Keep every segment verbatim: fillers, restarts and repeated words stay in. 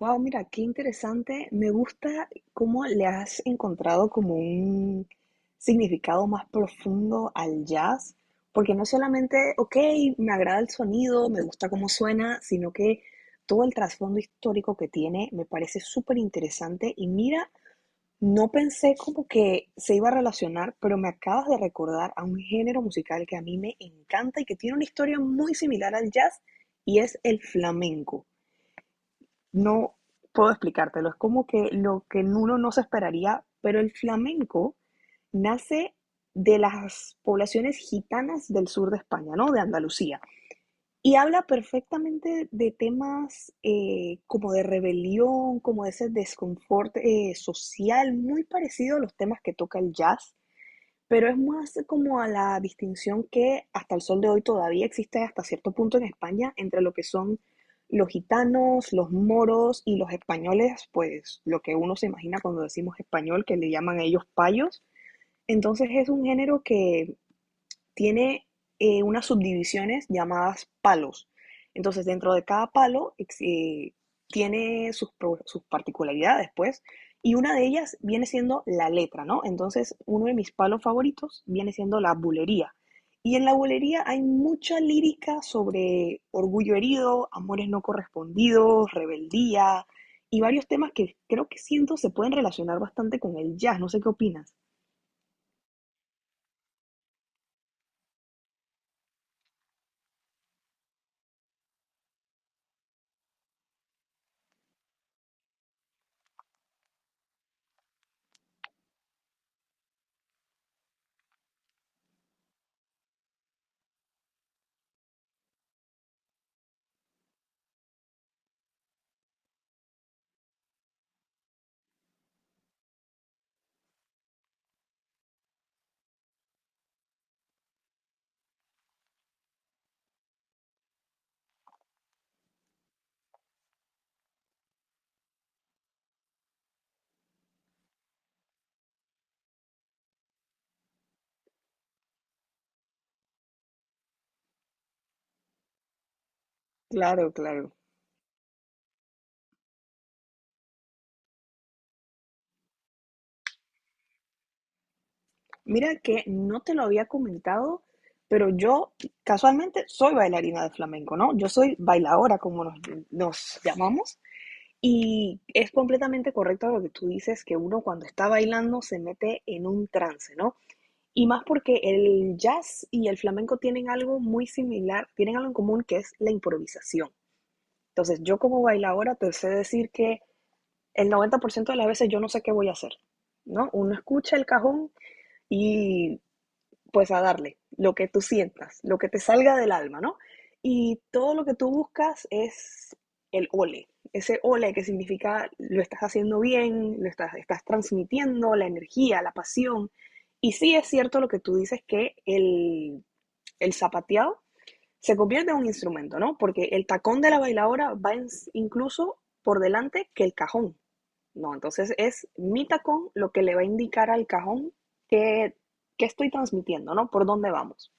Wow, mira, qué interesante. Me gusta cómo le has encontrado como un significado más profundo al jazz, porque no solamente, ok, me agrada el sonido, me gusta cómo suena, sino que todo el trasfondo histórico que tiene me parece súper interesante. Y mira, no pensé como que se iba a relacionar, pero me acabas de recordar a un género musical que a mí me encanta y que tiene una historia muy similar al jazz, y es el flamenco. No puedo explicártelo, es como que lo que uno no se esperaría, pero el flamenco nace de las poblaciones gitanas del sur de España, ¿no? De Andalucía. Y habla perfectamente de temas eh, como de rebelión, como de ese desconfort eh, social, muy parecido a los temas que toca el jazz, pero es más como a la distinción que hasta el sol de hoy todavía existe hasta cierto punto en España entre lo que son los gitanos, los moros y los españoles, pues lo que uno se imagina cuando decimos español, que le llaman a ellos payos. Entonces es un género que tiene eh, unas subdivisiones llamadas palos. Entonces, dentro de cada palo eh, tiene sus, sus, particularidades, pues, y una de ellas viene siendo la letra, ¿no? Entonces, uno de mis palos favoritos viene siendo la bulería. Y en la bulería hay mucha lírica sobre orgullo herido, amores no correspondidos, rebeldía y varios temas que creo que siento se pueden relacionar bastante con el jazz. No sé qué opinas. Claro, claro. Mira que no te lo había comentado, pero yo casualmente soy bailarina de flamenco, ¿no? Yo soy bailadora, como nos, nos llamamos, y es completamente correcto lo que tú dices, que uno cuando está bailando se mete en un trance, ¿no? Y más porque el jazz y el flamenco tienen algo muy similar, tienen algo en común que es la improvisación. Entonces, yo como bailadora te sé decir que el noventa por ciento de las veces yo no sé qué voy a hacer, ¿no? Uno escucha el cajón y pues a darle lo que tú sientas, lo que te salga del alma, ¿no? Y todo lo que tú buscas es el ole, ese ole que significa lo estás haciendo bien, lo estás, estás transmitiendo, la energía, la pasión. Y sí es cierto lo que tú dices que el, el zapateado se convierte en un instrumento, ¿no? Porque el tacón de la bailadora va en- incluso por delante que el cajón. No, entonces es mi tacón lo que le va a indicar al cajón que, que estoy transmitiendo, ¿no? Por dónde vamos.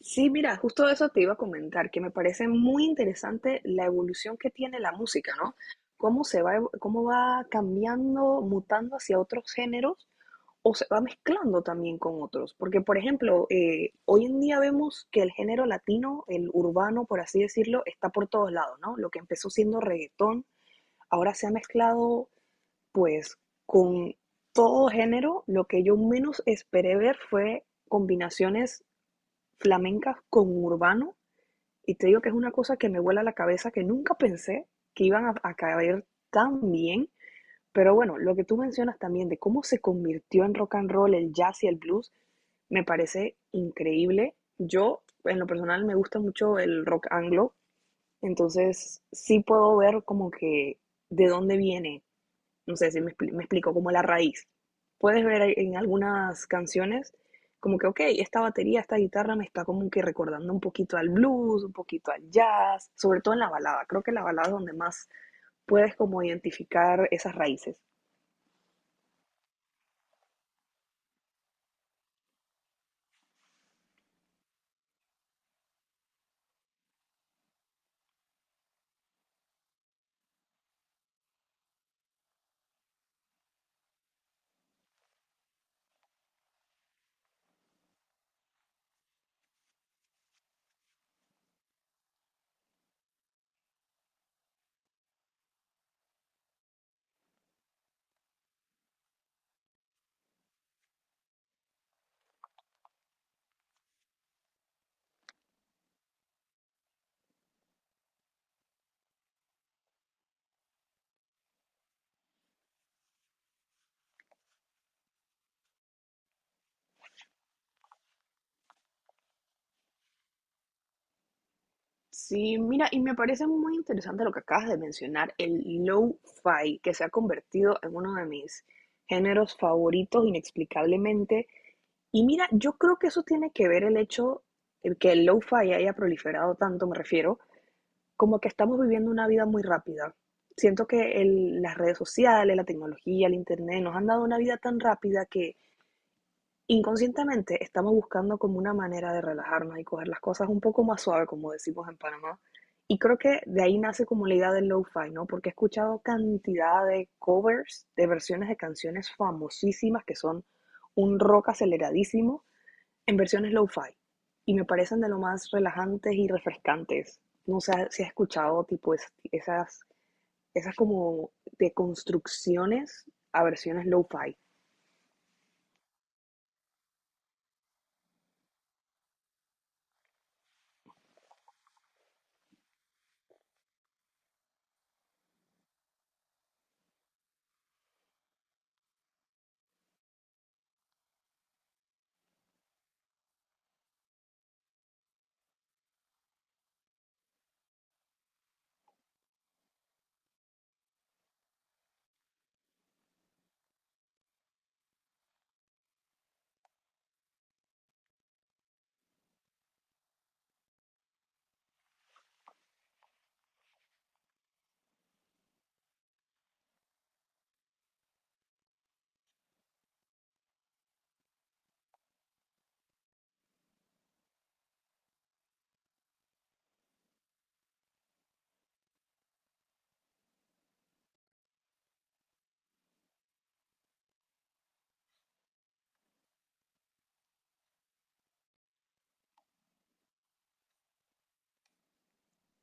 Sí, mira, justo eso te iba a comentar, que me parece muy interesante la evolución que tiene la música, ¿no? Cómo se va, evo- cómo va cambiando, mutando hacia otros géneros o se va mezclando también con otros. Porque, por ejemplo, eh, hoy en día vemos que el género latino, el urbano, por así decirlo, está por todos lados, ¿no? Lo que empezó siendo reggaetón, ahora se ha mezclado pues con todo género, lo que yo menos esperé ver fue combinaciones flamencas con urbano. Y te digo que es una cosa que me vuela la cabeza, que nunca pensé que iban a, a caer tan bien. Pero bueno, lo que tú mencionas también de cómo se convirtió en rock and roll el jazz y el blues, me parece increíble. Yo, en lo personal, me gusta mucho el rock anglo, entonces sí puedo ver como que de dónde viene no sé si me, expli- me explico, como la raíz. Puedes ver en algunas canciones como que, ok, esta batería, esta guitarra me está como que recordando un poquito al blues, un poquito al jazz, sobre todo en la balada. Creo que la balada es donde más puedes como identificar esas raíces. Sí, mira, y me parece muy interesante lo que acabas de mencionar, el lo-fi, que se ha convertido en uno de mis géneros favoritos inexplicablemente. Y mira, yo creo que eso tiene que ver el hecho de que el lo-fi haya proliferado tanto, me refiero, como que estamos viviendo una vida muy rápida. Siento que el- las redes sociales, la tecnología, el internet nos han dado una vida tan rápida que inconscientemente estamos buscando como una manera de relajarnos y coger las cosas un poco más suave, como decimos en Panamá. Y creo que de ahí nace como la idea del lo-fi, ¿no? Porque he escuchado cantidad de covers, de versiones de canciones famosísimas que son un rock aceleradísimo en versiones lo-fi y me parecen de lo más relajantes y refrescantes. No sé si has escuchado tipo es- esas, esas como de construcciones a versiones lo-fi.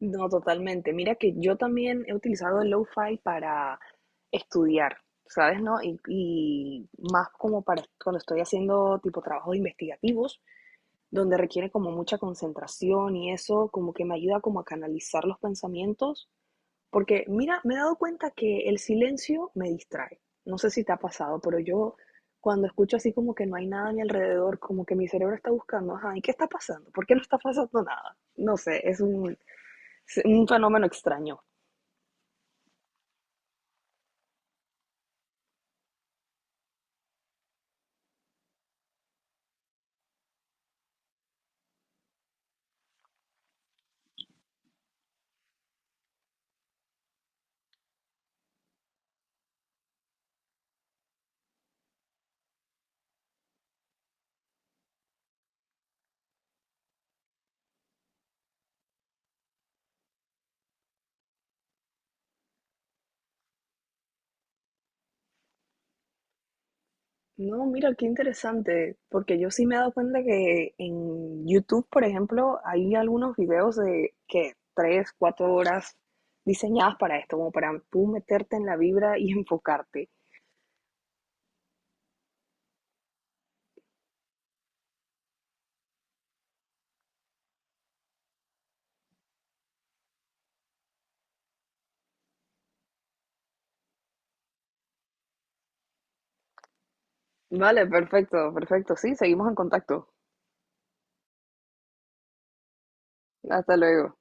No, totalmente. Mira que yo también he utilizado el lo-fi para estudiar, ¿sabes? ¿No? Y, y más como para cuando estoy haciendo tipo trabajos investigativos, donde requiere como mucha concentración y eso como que me ayuda como a canalizar los pensamientos. Porque mira, me he dado cuenta que el silencio me distrae. No sé si te ha pasado, pero yo cuando escucho así como que no hay nada a mi alrededor, como que mi cerebro está buscando, ajá, ¿y qué está pasando? ¿Por qué no está pasando nada? No sé, es un, es un fenómeno extraño. No, mira, qué interesante, porque yo sí me he dado cuenta que en YouTube, por ejemplo, hay algunos videos de que tres, cuatro horas diseñadas para esto, como para tú meterte en la vibra y enfocarte. Vale, perfecto, perfecto. Sí, seguimos en contacto. Hasta luego.